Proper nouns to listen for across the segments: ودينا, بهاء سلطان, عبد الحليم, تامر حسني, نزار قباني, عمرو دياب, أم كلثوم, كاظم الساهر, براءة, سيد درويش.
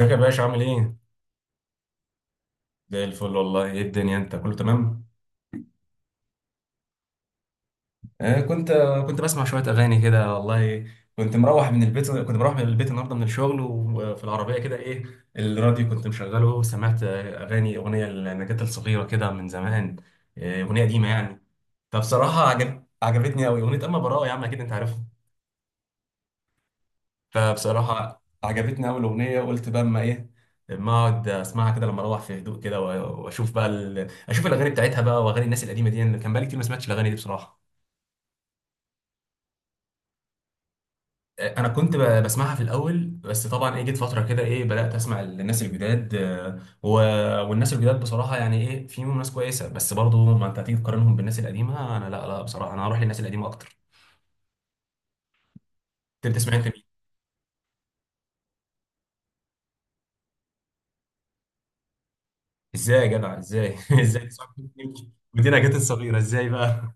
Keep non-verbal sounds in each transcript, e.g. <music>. ازيك يا باشا؟ عامل ايه؟ زي الفل والله. ايه الدنيا انت كله تمام؟ آه، كنت بسمع شوية أغاني كده والله. كنت مروح من البيت النهاردة من الشغل، وفي العربية كده، ايه، الراديو كنت مشغله، وسمعت أغنية لنجاة الصغيرة كده من زمان. أغنية قديمة يعني. فبصراحة عجبتني أوي أغنية أما براءة، يا عم أكيد أنت عارفها. فبصراحة عجبتني أول أغنية، وقلت بقى أما إيه، أما أقعد أسمعها كده لما أروح في هدوء كده، و- وأشوف بقى أشوف الأغاني بتاعتها بقى، وأغاني الناس القديمة دي. أنا كان بقالي كتير ما سمعتش الأغاني دي بصراحة. أنا كنت بسمعها في الأول، بس طبعا إيه، جيت فترة كده إيه بدأت أسمع الناس الجداد. والناس الجداد بصراحة يعني إيه، فيهم ناس كويسة، بس برضه ما أنت هتيجي تقارنهم بالناس القديمة. أنا لا بصراحة أنا هروح للناس القديمة أكتر. أنت بتسمع أنت مين؟ إزاي يا جدع؟ إزاي <laughs> إزاي تسمع مين؟ ودينا جت الصغيرة إزاي بقى؟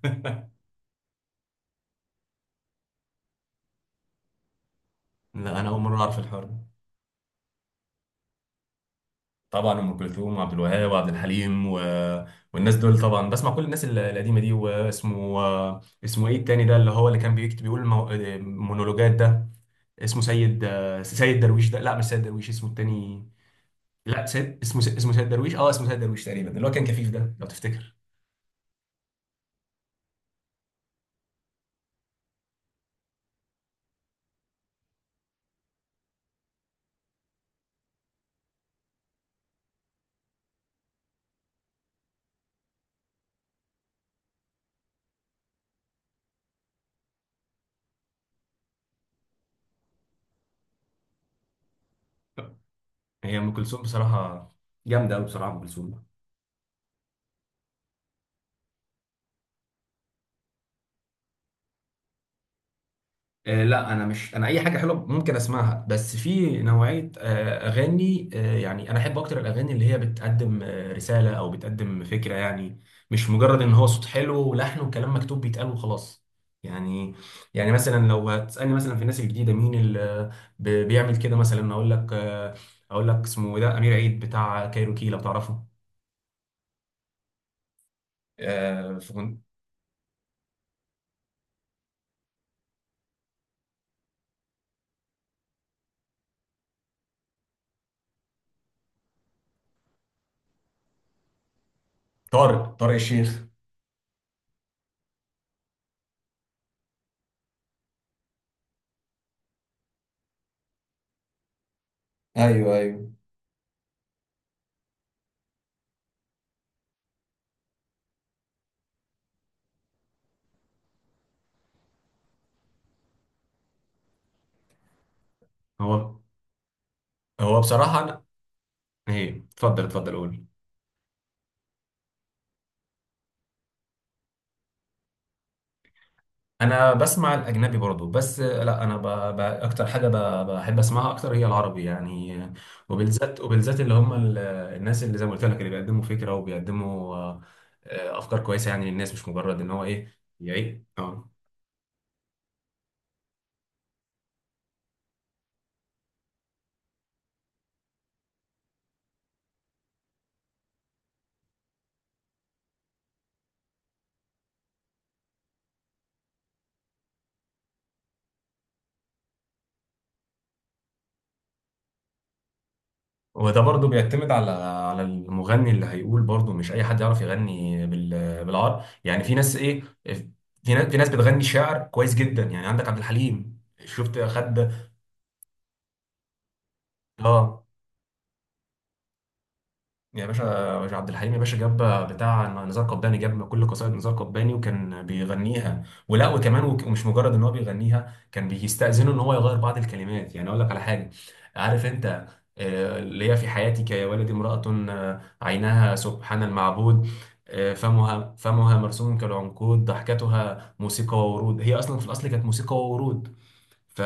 <laughs> لا أنا أول مرة أعرف الحوار ده. طبعا ام كلثوم وعبد الوهاب وعبد الحليم والناس دول، طبعا بسمع كل الناس القديمه دي. اسمه ايه التاني ده اللي هو اللي كان بيكتب بيقول مونولوجات ده، اسمه سيد، سيد درويش ده، لا مش سيد درويش، اسمه التاني. لا سيد اسمه اسمه سيد درويش، اه اسمه سيد درويش تقريبا، اللي هو كان كفيف ده لو تفتكر. هي ام كلثوم بصراحه جامده قوي بصراحه، ام كلثوم. لا انا مش انا اي حاجه حلوه ممكن اسمعها، بس في نوعيه اغاني. يعني انا احب اكتر الاغاني اللي هي بتقدم رساله، او بتقدم فكره، يعني مش مجرد ان هو صوت حلو ولحن وكلام مكتوب بيتقال وخلاص. يعني يعني مثلا لو هتسالني مثلا في الناس الجديده مين اللي بيعمل كده، مثلا اقول لك، اقول لك اسمه إيه ده، امير عيد بتاع كايروكي لو تعرفه. آه، في- طارق، طارق الشيخ. ايوه ايوه. هو هو بصراحه أنا- ايه اتفضل اتفضل قول. انا بسمع الاجنبي برضو، بس لا انا ب... ب... اكتر حاجه ب... بحب اسمعها اكتر هي العربي يعني. وبالذات اللي هم الناس اللي زي ما قلت لك، اللي بيقدموا فكره وبيقدموا افكار كويسه يعني للناس، مش مجرد ان هو ايه يعيق اه. وده برضو بيعتمد على المغني اللي هيقول، برضو مش اي حد يعرف يغني بالعربي يعني. في ناس ايه، في ناس بتغني شعر كويس جدا، يعني عندك عبد الحليم. شفت؟ خد، اه يا باشا، يا عبد الحليم يا باشا، جاب بتاع نزار قباني، جاب كل قصائد نزار قباني وكان بيغنيها. ولا وكمان وك- ومش مجرد ان هو بيغنيها، كان بيستأذنه ان هو يغير بعض الكلمات. يعني اقول لك على حاجه، عارف انت، اللي هي في حياتك يا ولدي امرأة، عينها سبحان المعبود، فمها مرسوم كالعنقود، ضحكتها موسيقى وورود. هي اصلا في الاصل كانت موسيقى وورود، ف...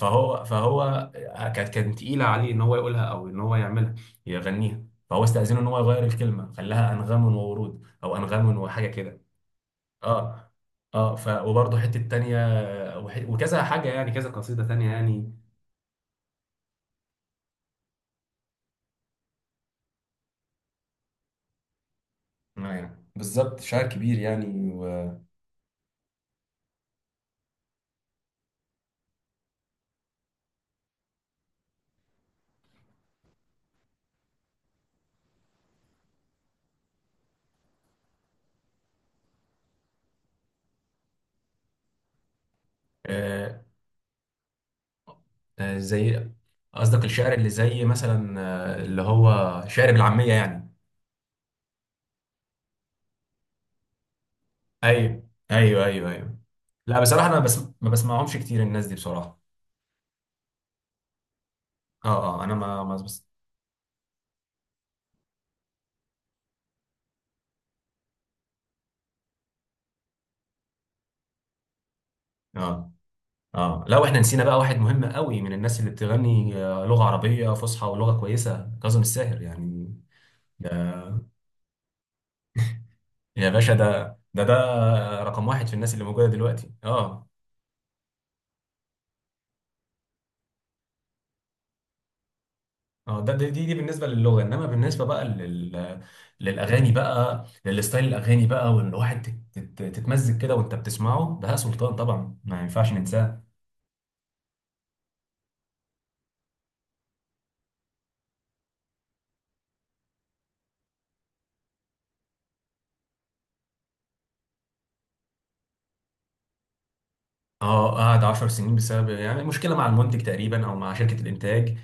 فهو فهو كانت تقيله عليه ان هو يقولها، او ان هو يعملها يغنيها. فهو استاذنه ان هو يغير الكلمه، خلاها انغام وورود، او انغام وحاجه كده. اه اه، ف وبرضه حته تانية، وكذا حاجه يعني، كذا قصيده تانية يعني. آه يعني بالظبط، شاعر كبير يعني آه. زي قصدك الشعر اللي زي مثلا آه اللي هو شعر بالعاميه يعني. ايوه ايوه ايوه ايوه. لا بصراحه انا بس ما بسمعهمش كتير الناس دي بصراحه. اه اه انا ما ما بس اه اه. لا، واحنا نسينا بقى واحد مهم قوي من الناس اللي بتغني لغة عربية فصحى ولغة كويسة، كاظم الساهر يعني. ده يا باشا، ده رقم واحد في الناس اللي موجودة دلوقتي اه. اه ده دي بالنسبة للغة، انما بالنسبة بقى للاغاني بقى، للستايل الاغاني بقى، وان الواحد تتمزج كده وانت بتسمعه. بهاء سلطان طبعا ما ينفعش ننساه. اه قعد 10 سنين بسبب يعني مشكلة مع المنتج تقريبا، او مع شركة الانتاج.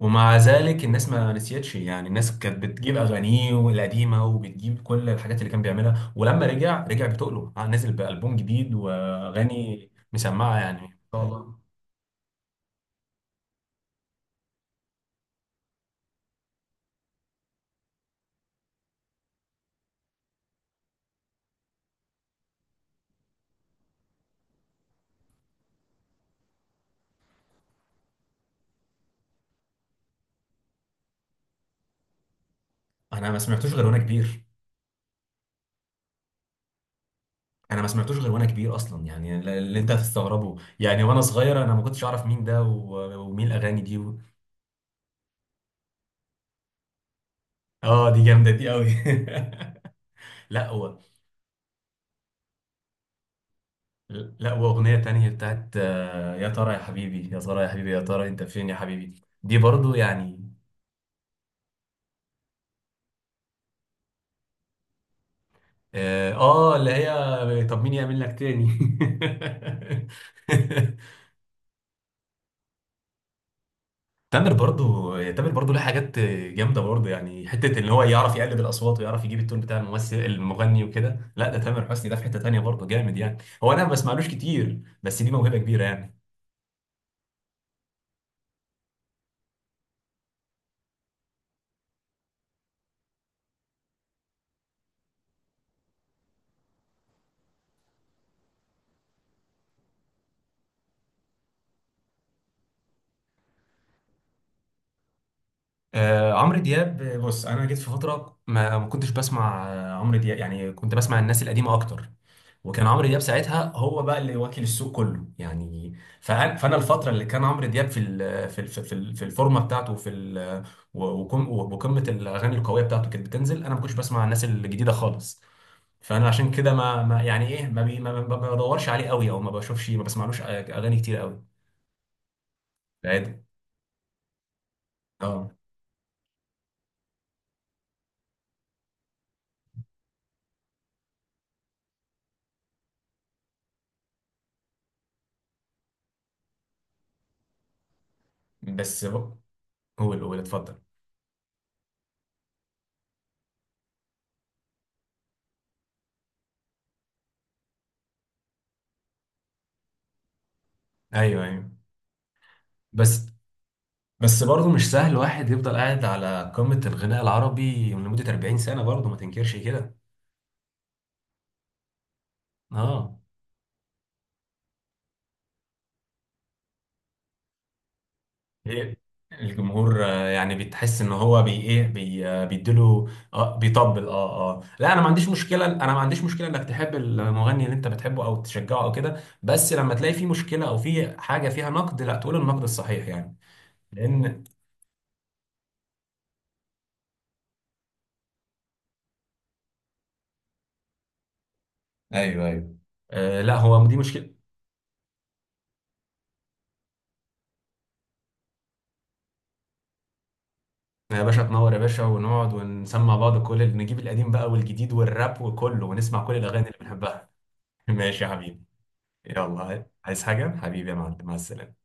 ومع ذلك الناس ما نسيتش يعني، الناس كانت بتجيب اغانيه القديمه وبتجيب كل الحاجات اللي كان بيعملها، ولما رجع رجع بتقله، نزل بألبوم جديد واغاني مسمعه يعني، ما شاء الله. انا ما سمعتوش غير وانا كبير. انا ما سمعتوش غير وانا كبير اصلا يعني، اللي انت هتستغربه يعني، وانا صغير انا ما كنتش اعرف مين ده و- ومين الاغاني دي اه دي جامده دي قوي. <laughs> لا هو، لا واغنيه تانية بتاعت يا ترى يا حبيبي، يا ترى انت فين يا حبيبي، دي برضو يعني. اه، اللي هي طب مين يعمل لك تاني. <laughs> تامر برضو يعني، تامر برضو له حاجات جامده برضو يعني، حته ان هو يعرف يقلد الاصوات، ويعرف يجيب التون بتاع الممثل المغني وكده. لا ده تامر حسني ده في حته تانيه برضو جامد يعني. هو انا ما بسمعلوش كتير، بس دي موهبه كبيره يعني. آه عمرو دياب، بص انا جيت في فتره ما كنتش بسمع عمرو دياب يعني، كنت بسمع الناس القديمه اكتر، وكان عمرو دياب ساعتها هو بقى اللي واكل السوق كله يعني. فأنا الفترة اللي كان عمرو دياب في في الفورمة بتاعته في ال و- وقم- وقمة الأغاني القوية بتاعته كانت بتنزل، أنا ما كنتش بسمع الناس الجديدة خالص. فأنا عشان كده ما, ما يعني إيه، ما بدورش عليه قوي، أو ما بشوفش ما بسمعلوش أغاني كتير قوي. عادي. أه. بس هو، هو اللي هو اللي اتفضل. أيوه أيوه. بس، بس برضه مش سهل واحد يفضل قاعد على قمة الغناء العربي لمدة 40 سنة، برضه ما تنكرش كده. اه إيه، الجمهور، يعني بتحس ان هو بي ايه بي آه، بيديله. اه بيطبل اه اه، لا انا ما عنديش مشكله، انك تحب المغني اللي انت بتحبه او تشجعه او كده، بس لما تلاقي فيه مشكله او فيه حاجه فيها نقد لا، تقول النقد الصحيح يعني. لان، ايوه ايوه. آه لا، هو دي مشكله. يا باشا تنور يا باشا، ونقعد ونسمع بعض، كل اللي نجيب القديم بقى والجديد والراب وكله، ونسمع كل الاغاني اللي بنحبها. <laughs> ماشي يا حبيبي. يلا، عايز حاجه حبيبي يا معلم؟ مع السلامه.